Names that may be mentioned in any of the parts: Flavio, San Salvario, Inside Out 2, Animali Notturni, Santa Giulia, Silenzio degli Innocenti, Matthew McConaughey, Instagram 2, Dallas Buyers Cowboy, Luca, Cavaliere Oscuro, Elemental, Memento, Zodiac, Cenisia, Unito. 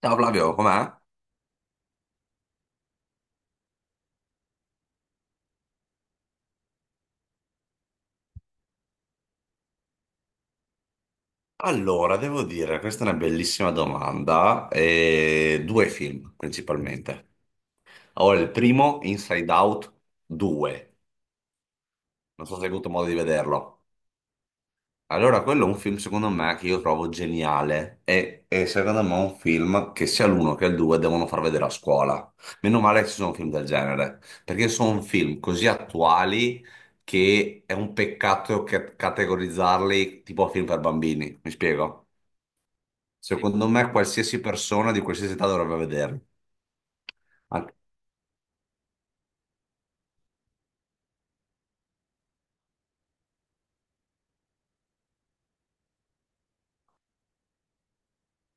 Ciao Flavio, com'è? Allora, devo dire, questa è una bellissima domanda. E due film principalmente. Allora, il primo, Inside Out 2. Non so se hai avuto modo di vederlo. Allora, quello è un film secondo me che io trovo geniale e secondo me è un film che sia l'uno che il due devono far vedere a scuola. Meno male che ci sono film del genere, perché sono film così attuali che è un peccato categorizzarli tipo film per bambini, mi spiego? Secondo me qualsiasi persona di qualsiasi età dovrebbe vederli. Anche-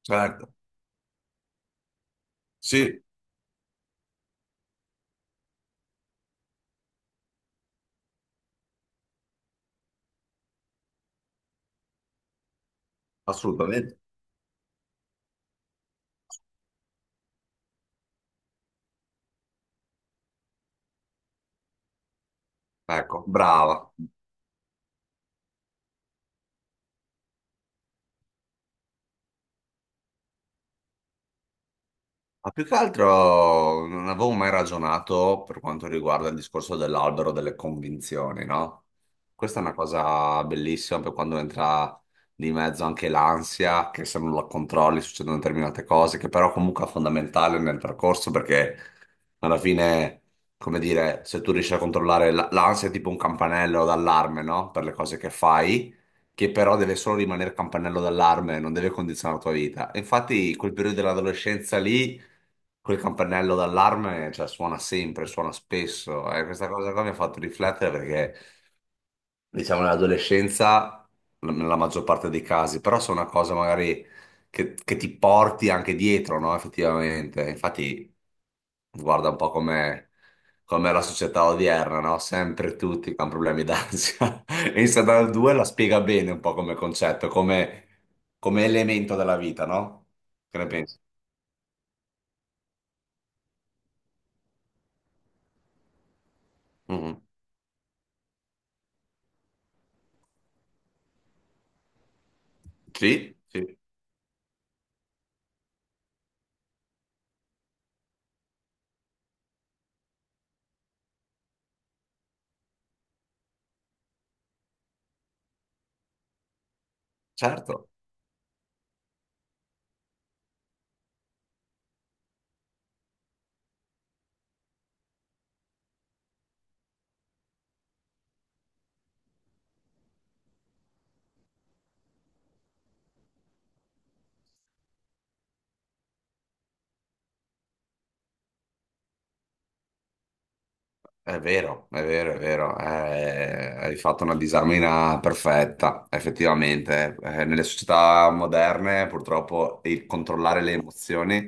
Certo, sì, assolutamente. Ecco, brava. Ma più che altro non avevo mai ragionato per quanto riguarda il discorso dell'albero delle convinzioni, no? Questa è una cosa bellissima per quando entra di mezzo anche l'ansia, che se non la controlli succedono determinate cose, che però comunque è fondamentale nel percorso perché alla fine, come dire, se tu riesci a controllare l'ansia è tipo un campanello d'allarme, no? Per le cose che fai che però deve solo rimanere campanello d'allarme, non deve condizionare la tua vita. E infatti, quel periodo dell'adolescenza lì. Quel campanello d'allarme, cioè, suona sempre, suona spesso. E questa cosa qua mi ha fatto riflettere perché, diciamo, nell'adolescenza, nella maggior parte dei casi, però sono una cosa magari che ti porti anche dietro, no? Effettivamente. Infatti, guarda un po' come la società odierna, no? Sempre tutti con problemi d'ansia. E Instagram 2 la spiega bene un po' come concetto, come, come elemento della vita, no? Che ne pensi? Mhm. Sì, sì. Certo, è vero, è vero, è vero, hai fatto una disamina perfetta, effettivamente. Nelle società moderne, purtroppo, il controllare le emozioni,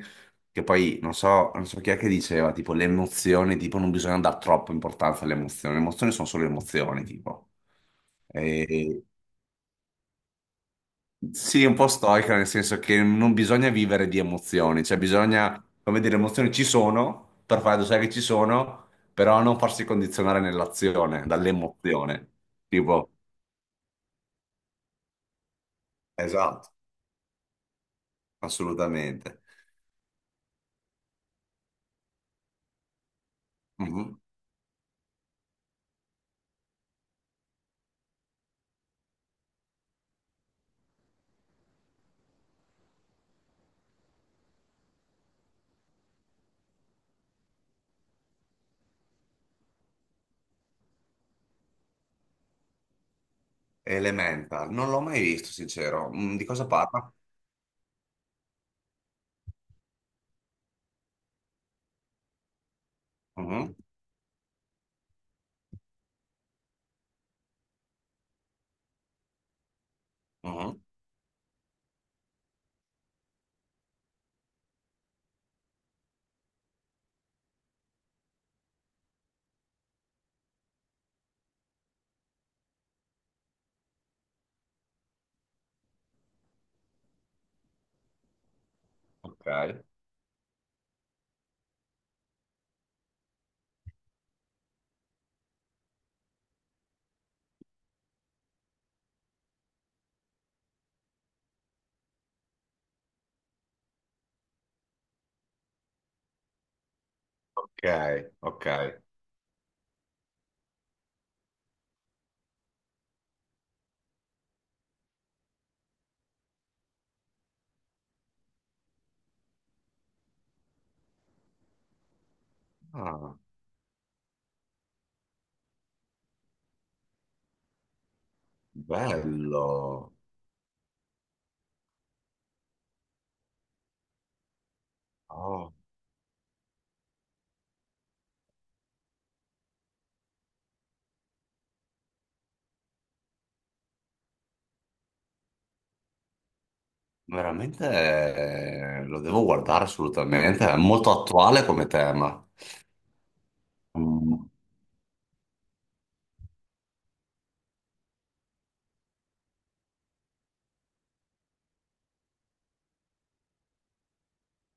che poi non so chi è che diceva, tipo, le emozioni, tipo, non bisogna dare troppa importanza alle emozioni, le emozioni sono solo emozioni, tipo. E- Sì, un po' stoica, nel senso che non bisogna vivere di emozioni, cioè bisogna, come dire, le emozioni ci sono, per fare sai che ci sono, però non farsi condizionare nell'azione, dall'emozione. Tipo, esatto, assolutamente. Mhm. Elemental, non l'ho mai visto, sincero. Mm, di cosa parla? Mhm, mhm. Ok, ok, ok. Ah, bello. Veramente lo devo guardare assolutamente, è molto attuale come tema. Mm.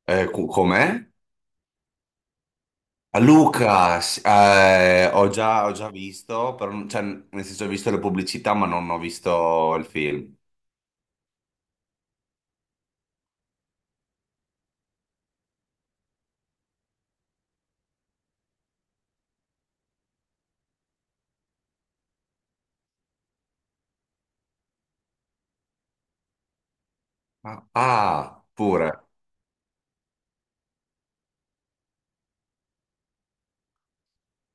Com'è? A Luca, ho già visto, però cioè, nel senso ho visto le pubblicità ma non ho visto il film. Ah, ah, pure.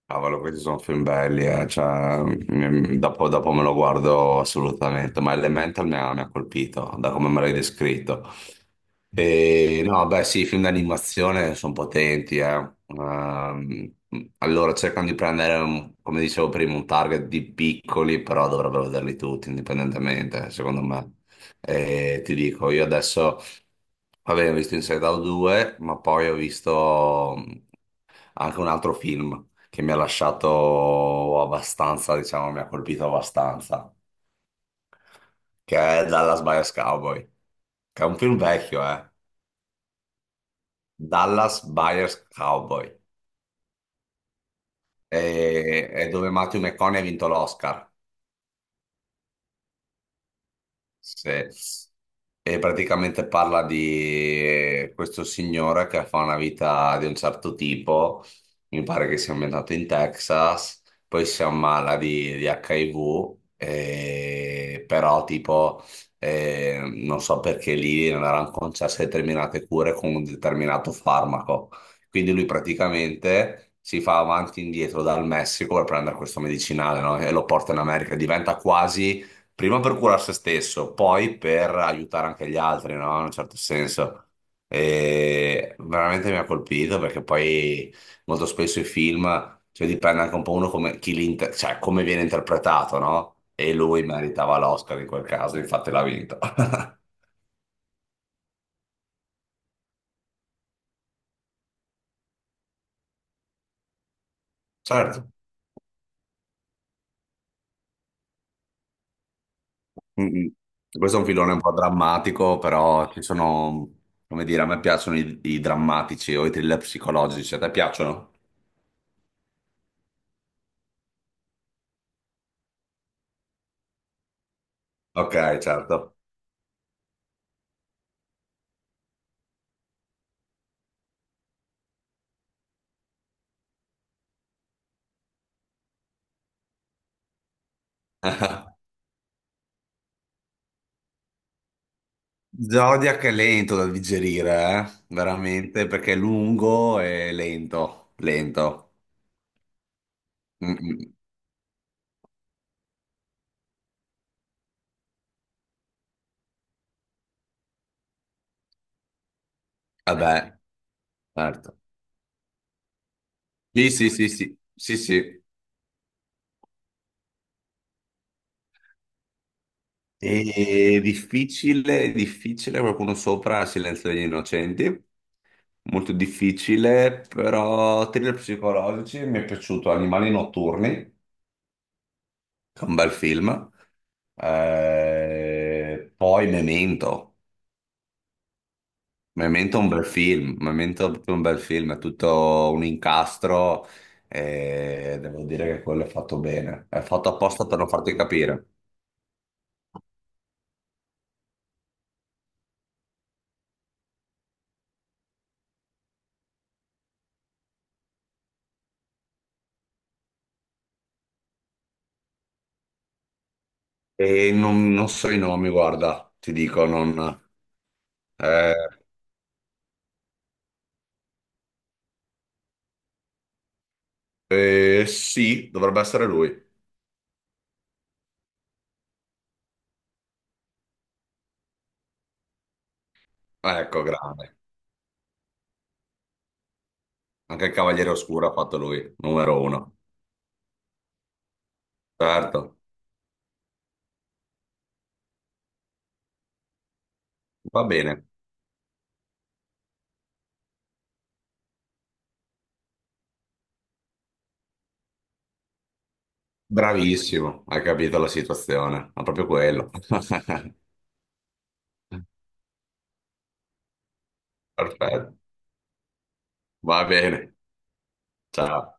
Cavolo, questi sono film belli, cioè, dopo me lo guardo assolutamente, ma Elemental mi ha colpito da come me l'hai descritto. E, no, beh sì, i film d'animazione sono potenti, eh. Ehm, allora cercano di prendere, come dicevo prima, un target di piccoli, però dovrebbero vederli tutti indipendentemente, secondo me. E ti dico, io adesso, vabbè, ho visto Inside Out 2, ma poi ho visto anche un altro film che mi ha lasciato abbastanza, diciamo, mi ha colpito abbastanza, che è Dallas Buyers Cowboy, che è un film vecchio, eh. Dallas Buyers Cowboy, e dove Matthew McConaughey ha vinto l'Oscar. se- E praticamente parla di questo signore che fa una vita di un certo tipo, mi pare che sia ambientato in Texas, poi si ammala di, HIV, però tipo non so perché lì non erano concesse determinate cure con un determinato farmaco. Quindi lui praticamente si fa avanti e indietro dal Messico per prendere questo medicinale, no? E lo porta in America, diventa quasi prima per curare se stesso, poi per aiutare anche gli altri, no? In un certo senso. E veramente mi ha colpito perché poi molto spesso i film, cioè dipende anche un po' uno come, chi li cioè, come viene interpretato, no? E lui meritava l'Oscar in quel caso, infatti l'ha vinto. Certo. Mm-mm. Questo è un filone un po' drammatico, però ci sono, come dire, a me piacciono i, i drammatici o i thriller psicologici, a te piacciono? Ok, certo. Zodiac è lento da digerire, eh? Veramente, perché è lungo e lento, lento. Mm, mm. Vabbè, certo. Sì, sì, sì, sì, sì, sì. E difficile, difficile, qualcuno sopra Silenzio degli Innocenti. Molto difficile, però thriller psicologici, mi è piaciuto Animali Notturni, che è un bel film. Poi Memento. Memento è un bel film, Memento è proprio un bel film, è tutto un incastro e devo dire che quello è fatto bene, è fatto apposta per non farti capire. E non so i nomi, guarda, ti dico, non... Eh, sì, dovrebbe essere lui. Ecco, grande. Anche il Cavaliere Oscuro ha fatto lui, numero uno. Certo, va bene. Bravissimo, hai capito la situazione, ma proprio quello. Perfetto, va bene, ciao.